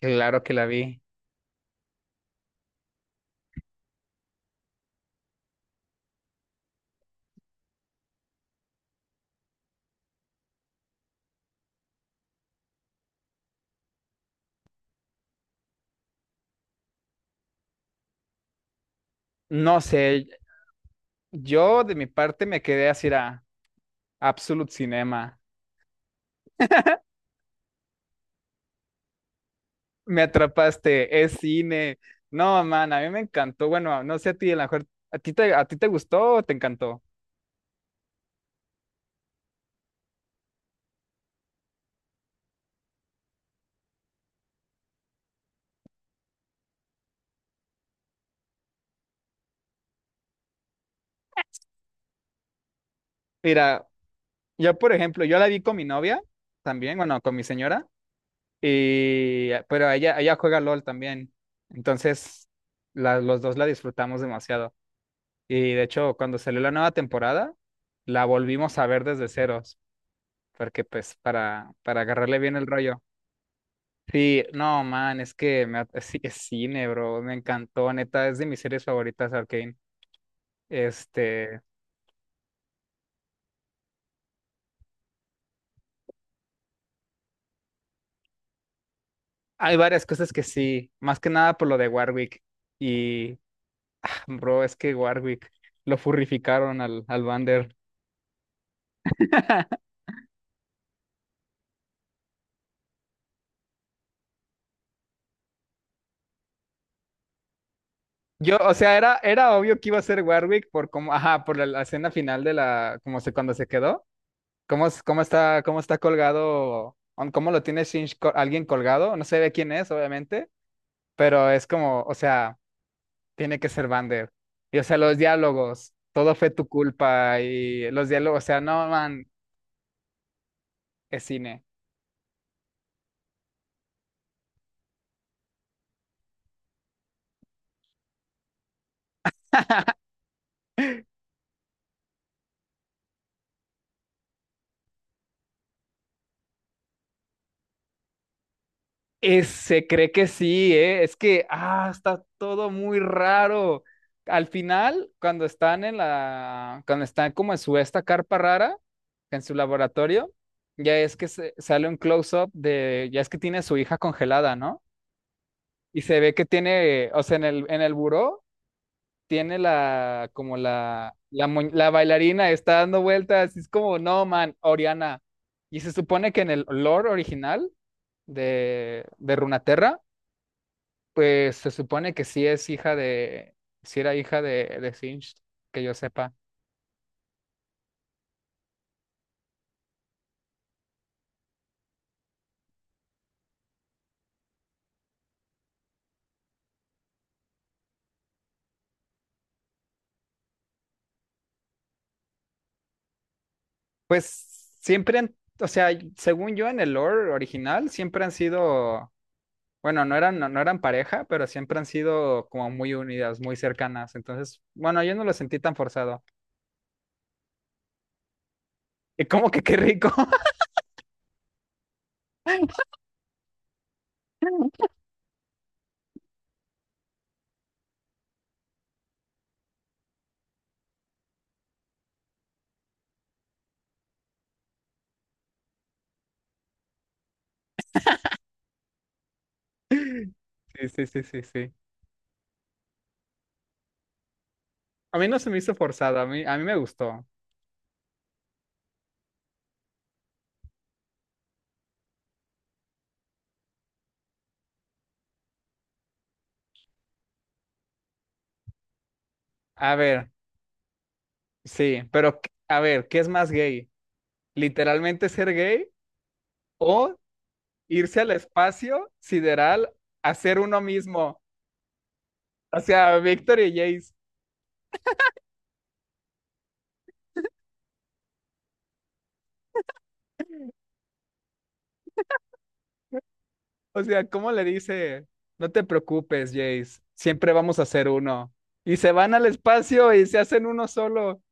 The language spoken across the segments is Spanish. Claro que la vi. No sé, yo de mi parte me quedé así a Absolute Cinema. Me atrapaste, es cine. No, man, a mí me encantó. Bueno, no sé a ti, a lo mejor, ¿a ti te gustó o te encantó? Mira, yo por ejemplo, yo la vi con mi novia también, bueno, con mi señora, y pero ella juega LOL también. Entonces, los dos la disfrutamos demasiado. Y de hecho, cuando salió la nueva temporada, la volvimos a ver desde ceros porque pues para agarrarle bien el rollo. Sí, no, man, es que me, sí, es cine, bro, me encantó, neta, es de mis series favoritas, Arcane. Este, hay varias cosas que sí, más que nada por lo de Warwick. Y, bro, es que Warwick lo furrificaron al Vander. Yo, o sea, era obvio que iba a ser Warwick por cómo, ajá, por la escena final de la, como se, cuando se quedó, cómo, cómo está colgado, cómo lo tiene Shinji, alguien colgado, no sé de quién es, obviamente, pero es como, o sea, tiene que ser Vander. Y o sea, los diálogos, todo fue tu culpa y los diálogos, o sea, no, man, es cine. Y se cree que sí, ¿eh? Es que, ah, está todo muy raro. Al final, cuando están en la, cuando están como en su esta carpa rara, en su laboratorio, ya es que sale un close-up de, ya es que tiene a su hija congelada, ¿no? Y se ve que tiene, o sea, en el buró tiene la, como la, la bailarina está dando vueltas, y es como, no, man, Oriana. Y se supone que en el lore original de Runaterra, pues se supone que sí es hija de, sí era hija de Singed, que yo sepa. Pues siempre han, o sea, según yo en el lore original, siempre han sido, bueno, no eran, no eran pareja, pero siempre han sido como muy unidas, muy cercanas. Entonces, bueno, yo no lo sentí tan forzado. Y como que qué rico. Sí, sí, sí, sí, sí. A mí no se me hizo forzado, a mí me gustó. A ver, sí, pero ¿qué- a ver, ¿qué es más gay? ¿Literalmente ser gay o irse al espacio sideral a ser uno mismo? O sea, Víctor y Jace. O sea, ¿cómo le dice? No te preocupes, Jace, siempre vamos a ser uno. Y se van al espacio y se hacen uno solo.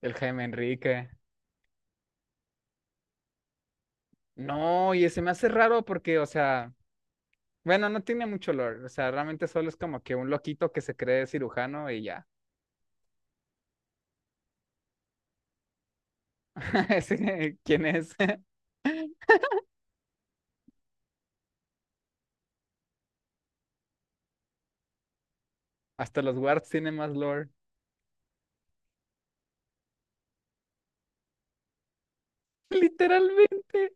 El Jaime Enrique. No, y se me hace raro porque, o sea... Bueno, no tiene mucho lore, o sea, realmente solo es como que un loquito que se cree cirujano y ya. Ese, ¿quién es? Hasta los guards tienen más lore. Literalmente,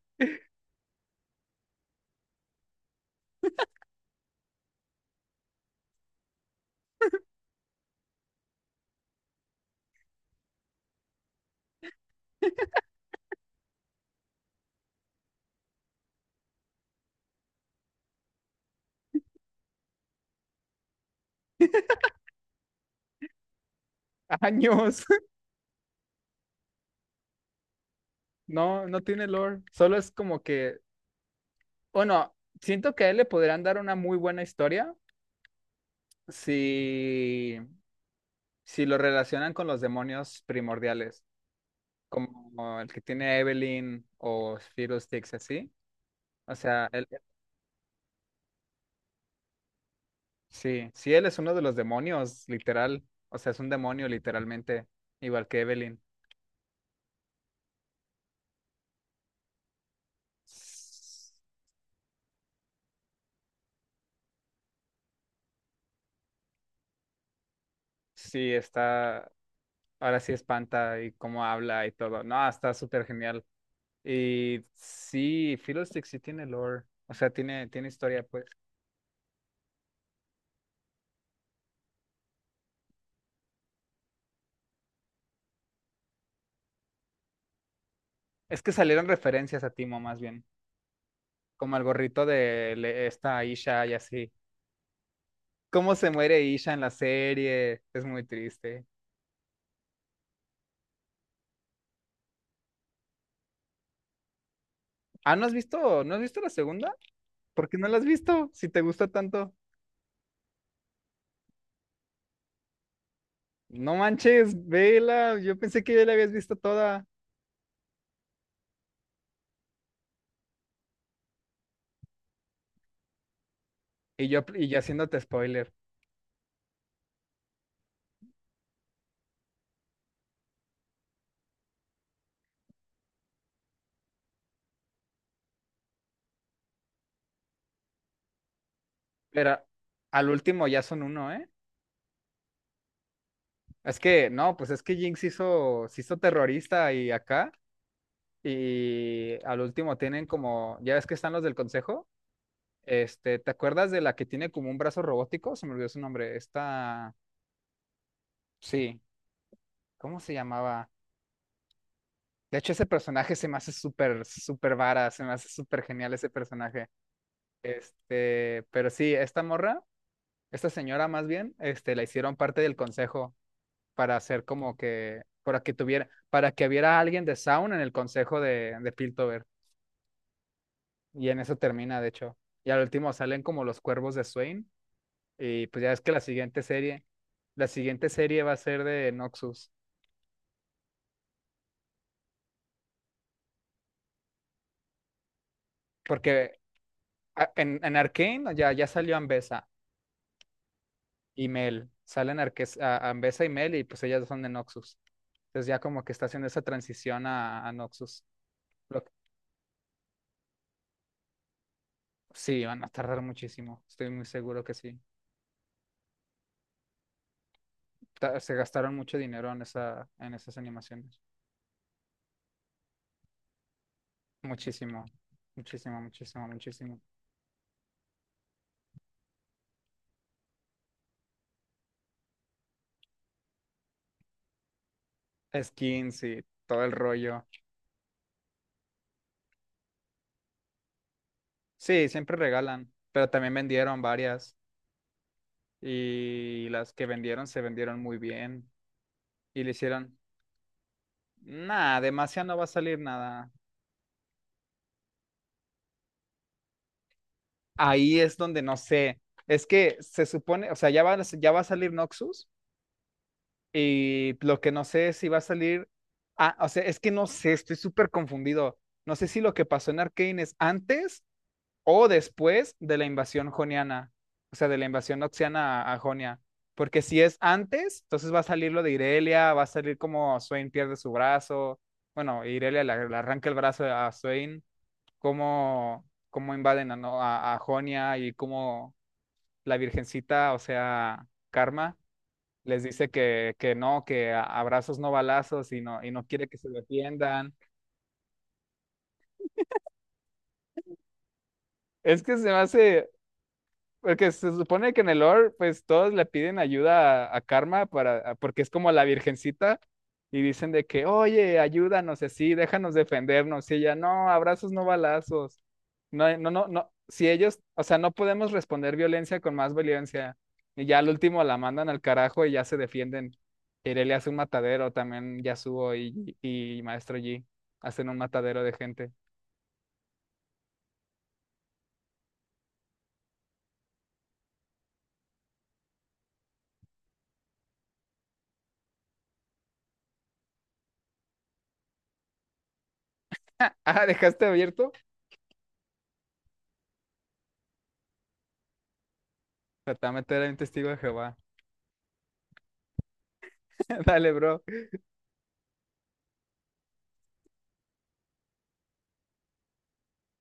años. No, no tiene lore. Solo es como que, bueno, siento que a él le podrían dar una muy buena historia si, si lo relacionan con los demonios primordiales, como el que tiene Evelyn o Fiddlesticks, así. O sea, el, sí, sí, él es uno de los demonios, literal. O sea, es un demonio, literalmente, igual que Evelyn. S- Sí, está, ahora sí espanta y cómo habla y todo. No, está súper genial. Y sí, Philo Stick sí tiene lore, o sea, tiene, tiene historia, pues. Es que salieron referencias a Timo, más bien, como el gorrito de esta Isha y así. ¿Cómo se muere Isha en la serie? Es muy triste. Ah, ¿no has visto la segunda? ¿Por qué no la has visto? Si te gusta tanto. No manches, vela. Yo pensé que ya la habías visto toda. Y yo haciéndote spoiler. Pero al último ya son uno, ¿eh? Es que, no, pues es que Jinx hizo, se hizo terrorista y acá. Y al último tienen como, ya ves que están los del consejo. Este, ¿te acuerdas de la que tiene como un brazo robótico? Se me olvidó su nombre. Esta, sí, ¿cómo se llamaba? De hecho, ese personaje se me hace súper, súper vara, se me hace súper genial ese personaje. Este, pero sí, esta morra, esta señora más bien, este, la hicieron parte del consejo para hacer como que, para que tuviera, para que hubiera alguien de Sound en el consejo de Piltover. Y en eso termina, de hecho. Y al último salen como los cuervos de Swain. Y pues ya es que la siguiente serie va a ser de Noxus. Porque en Arcane ya, ya salió Ambessa y Mel. Salen Ambessa y Mel y pues ellas son de Noxus. Entonces ya como que está haciendo esa transición a Noxus. Lo- Sí, van a tardar muchísimo, estoy muy seguro que sí. Se gastaron mucho dinero en esa, en esas animaciones. Muchísimo, muchísimo, muchísimo, muchísimo. Skins y todo el rollo. Sí, siempre regalan, pero también vendieron varias y las que vendieron se vendieron muy bien y le hicieron, nada, demasiado no va a salir nada. Ahí es donde no sé, es que se supone, o sea, ya va, ya va a salir Noxus. Y lo que no sé es si va a salir. Ah, o sea, es que no sé, estoy súper confundido. No sé si lo que pasó en Arcane es antes o después de la invasión joniana. O sea, de la invasión noxiana a Jonia. Porque si es antes, entonces va a salir lo de Irelia, va a salir como Swain pierde su brazo. Bueno, Irelia le arranca el brazo a Swain. Cómo, cómo invaden a, ¿no? A Jonia y cómo la virgencita, o sea, Karma les dice que no, que abrazos no balazos y no quiere que se defiendan. Es que se me hace, porque se supone que en el lore, pues todos le piden ayuda a Karma para, porque es como la virgencita y dicen de que, oye, ayúdanos y así, déjanos defendernos. Y ella, no, abrazos, no balazos. No, no, no, no. Si ellos, o sea, no podemos responder violencia con más violencia. Y ya al último la mandan al carajo y ya se defienden. Irelia hace un matadero también, Yasuo y Maestro Yi hacen un matadero de gente. Ah, ¿dejaste abierto? Tratame era un testigo de Jehová. Dale, bro.